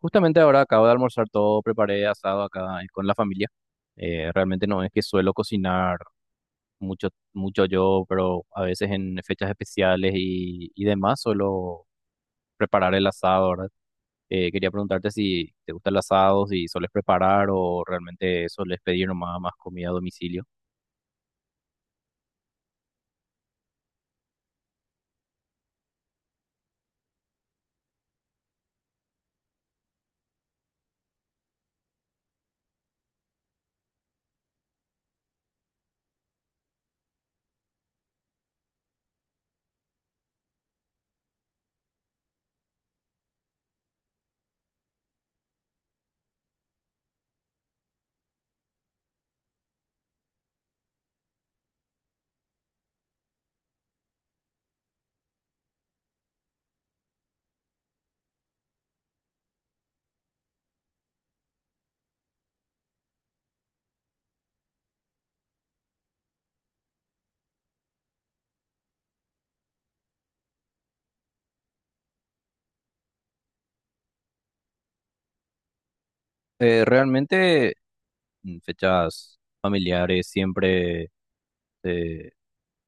Justamente ahora acabo de almorzar todo, preparé asado acá con la familia. Realmente no es que suelo cocinar mucho, mucho yo, pero a veces en fechas especiales y demás suelo preparar el asado, ¿verdad? Quería preguntarte si te gusta el asado, si sueles preparar o realmente sueles pedir nomás más comida a domicilio. Realmente en fechas familiares siempre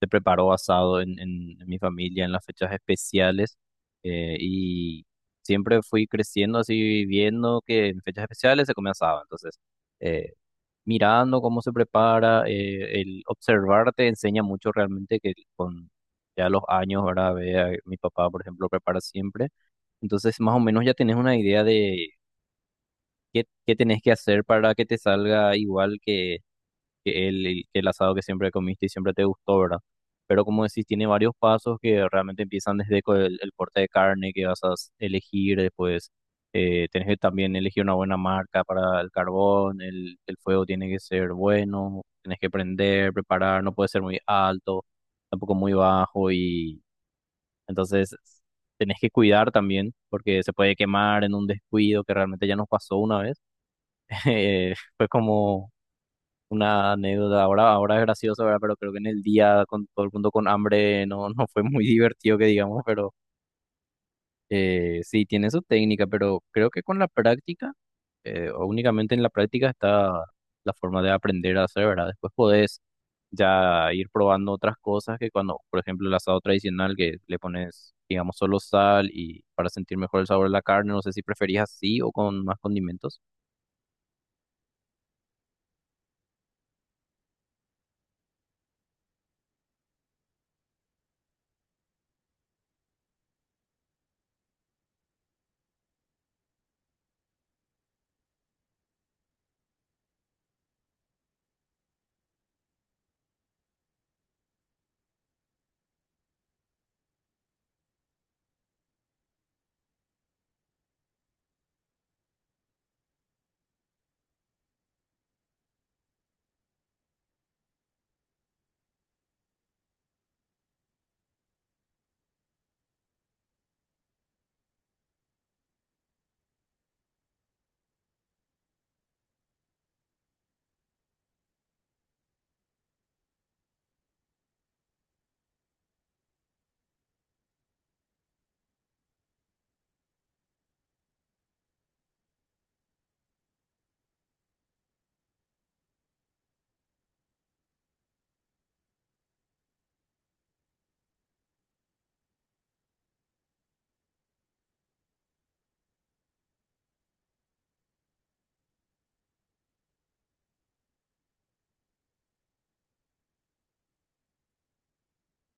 se preparó basado en mi familia, en las fechas especiales. Y siempre fui creciendo así, viendo que en fechas especiales se comía asado. Entonces, eh, mirando cómo se prepara, el observar te enseña mucho realmente que con ya los años, ahora ve a mi papá, por ejemplo, prepara siempre. Entonces, más o menos ya tenés una idea de qué tenés que hacer para que te salga igual que el asado que siempre comiste y siempre te gustó, ¿verdad? Pero como decís, tiene varios pasos que realmente empiezan desde el corte de carne que vas a elegir, después tenés que también elegir una buena marca para el carbón, el fuego tiene que ser bueno, tenés que prender, preparar, no puede ser muy alto, tampoco muy bajo y entonces tenés que cuidar también porque se puede quemar en un descuido que realmente ya nos pasó una vez. Fue como una anécdota. Ahora es gracioso, ¿verdad? Pero creo que en el día con todo el mundo con hambre no, no fue muy divertido que digamos, pero sí, tiene su técnica, pero creo que con la práctica, o únicamente en la práctica está la forma de aprender a hacer, ¿verdad? Después podés ya ir probando otras cosas que cuando, por ejemplo, el asado tradicional que le pones, digamos, solo sal y para sentir mejor el sabor de la carne, no sé si preferís así o con más condimentos.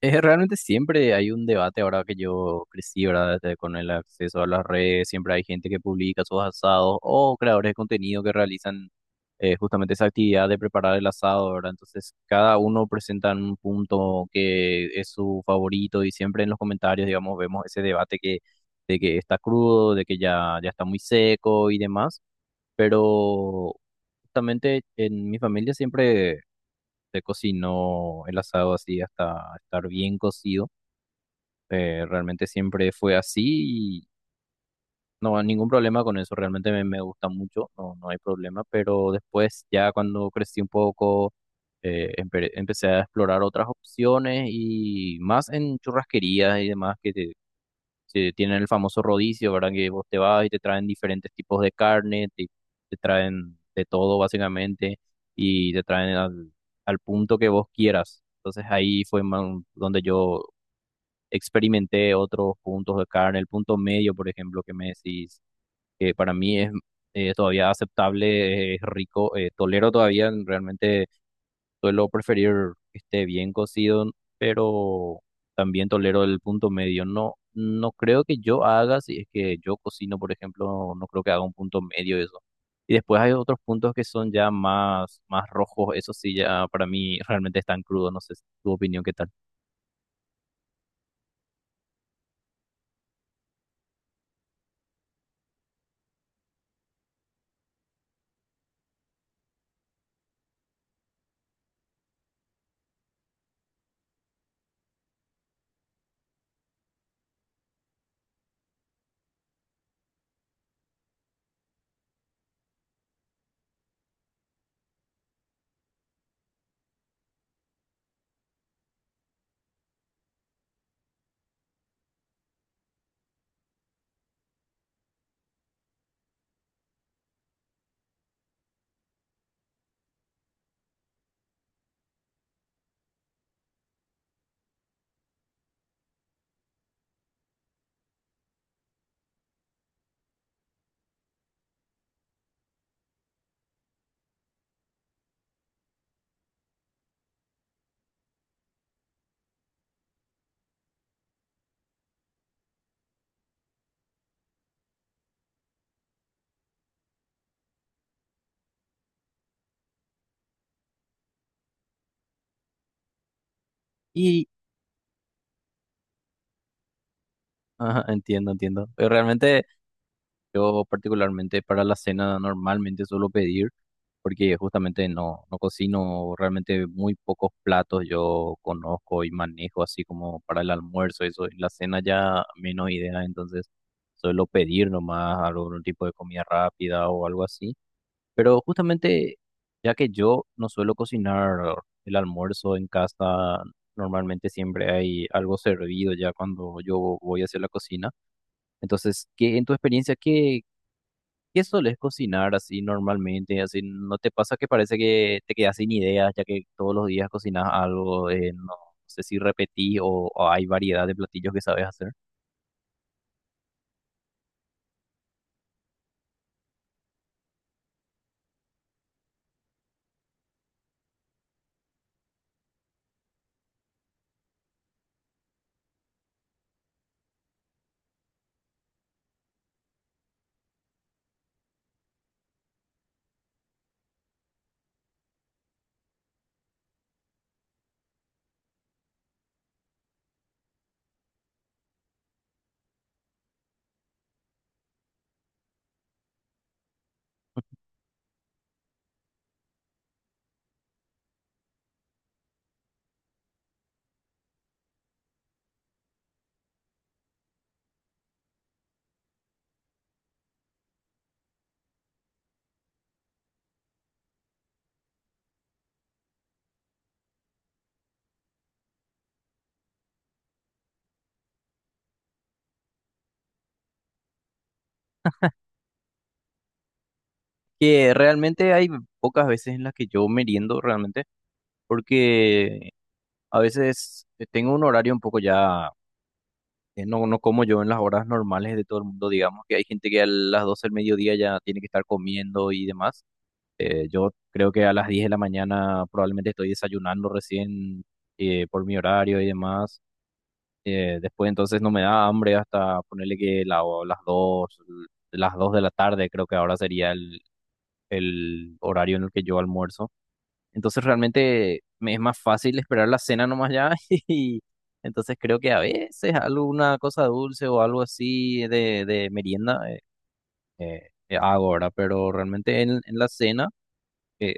Realmente siempre hay un debate ahora que yo crecí, ¿verdad? Desde con el acceso a las redes, siempre hay gente que publica sus asados o creadores de contenido que realizan justamente esa actividad de preparar el asado, ¿verdad? Entonces, cada uno presenta un punto que es su favorito y siempre en los comentarios, digamos, vemos ese debate que, de que está crudo, de que ya está muy seco y demás, pero justamente en mi familia siempre se cocinó el asado así hasta estar bien cocido. Realmente siempre fue así y no, ningún problema con eso. Realmente me gusta mucho, no, no hay problema. Pero después, ya cuando crecí un poco, empecé a explorar otras opciones y más en churrasquerías y demás que sí, tienen el famoso rodicio, ¿verdad? Que vos te vas y te traen diferentes tipos de carne, te traen de todo básicamente y te traen al punto que vos quieras. Entonces ahí fue donde yo experimenté otros puntos de carne, el punto medio, por ejemplo, que me decís, que para mí es todavía aceptable, es rico, tolero todavía realmente. Suelo preferir que esté bien cocido, pero también tolero el punto medio. No, no creo que yo haga, si es que yo cocino, por ejemplo, no creo que haga un punto medio de eso. Y después hay otros puntos que son ya más rojos, eso sí, ya para mí realmente están crudos, no sé tu opinión qué tal. Y, ajá, entiendo, entiendo. Pero realmente yo particularmente para la cena normalmente suelo pedir, porque justamente no, no cocino realmente muy pocos platos yo conozco y manejo, así como para el almuerzo, eso, y la cena ya menos idea, entonces suelo pedir nomás algún tipo de comida rápida o algo así. Pero justamente ya que yo no suelo cocinar el almuerzo en casa, normalmente siempre hay algo servido ya cuando yo voy hacia la cocina. Entonces, ¿qué en tu experiencia, qué ¿qué solés cocinar así normalmente? Así, ¿no te pasa que parece que te quedas sin ideas, ya que todos los días cocinas algo? No sé si repetís o hay variedad de platillos que sabes hacer. Que realmente hay pocas veces en las que yo meriendo realmente, porque a veces tengo un horario un poco ya, no, no como yo en las horas normales de todo el mundo, digamos, que hay gente que a las 12 del mediodía ya tiene que estar comiendo y demás. Yo creo que a las 10 de la mañana probablemente estoy desayunando recién, por mi horario y demás. Después entonces no me da hambre hasta ponerle que las dos, las 2 de la tarde creo que ahora sería el horario en el que yo almuerzo. Entonces realmente me es más fácil esperar la cena nomás ya y entonces creo que a veces alguna cosa dulce o algo así de merienda hago ahora, pero realmente en la cena... eh,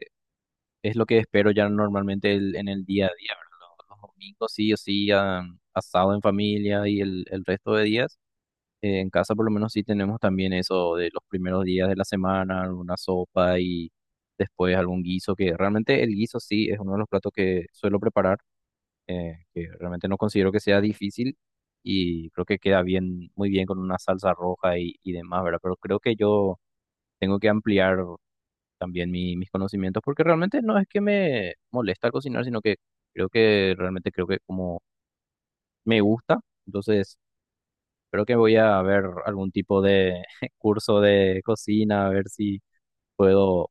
es lo que espero ya normalmente en el día a día, ¿verdad? Los domingos sí o sí, ah, asado en familia y el resto de días. En casa por lo menos sí tenemos también eso de los primeros días de la semana, alguna sopa y después algún guiso, que realmente el guiso sí es uno de los platos que suelo preparar, que realmente no considero que sea difícil y creo que queda bien, muy bien con una salsa roja y demás, ¿verdad? Pero creo que yo tengo que ampliar también mis conocimientos, porque realmente no es que me molesta cocinar, sino que creo que realmente creo que como me gusta, entonces creo que voy a ver algún tipo de curso de cocina, a ver si puedo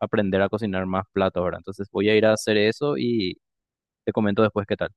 aprender a cocinar más platos, ¿verdad? Entonces voy a ir a hacer eso y te comento después qué tal.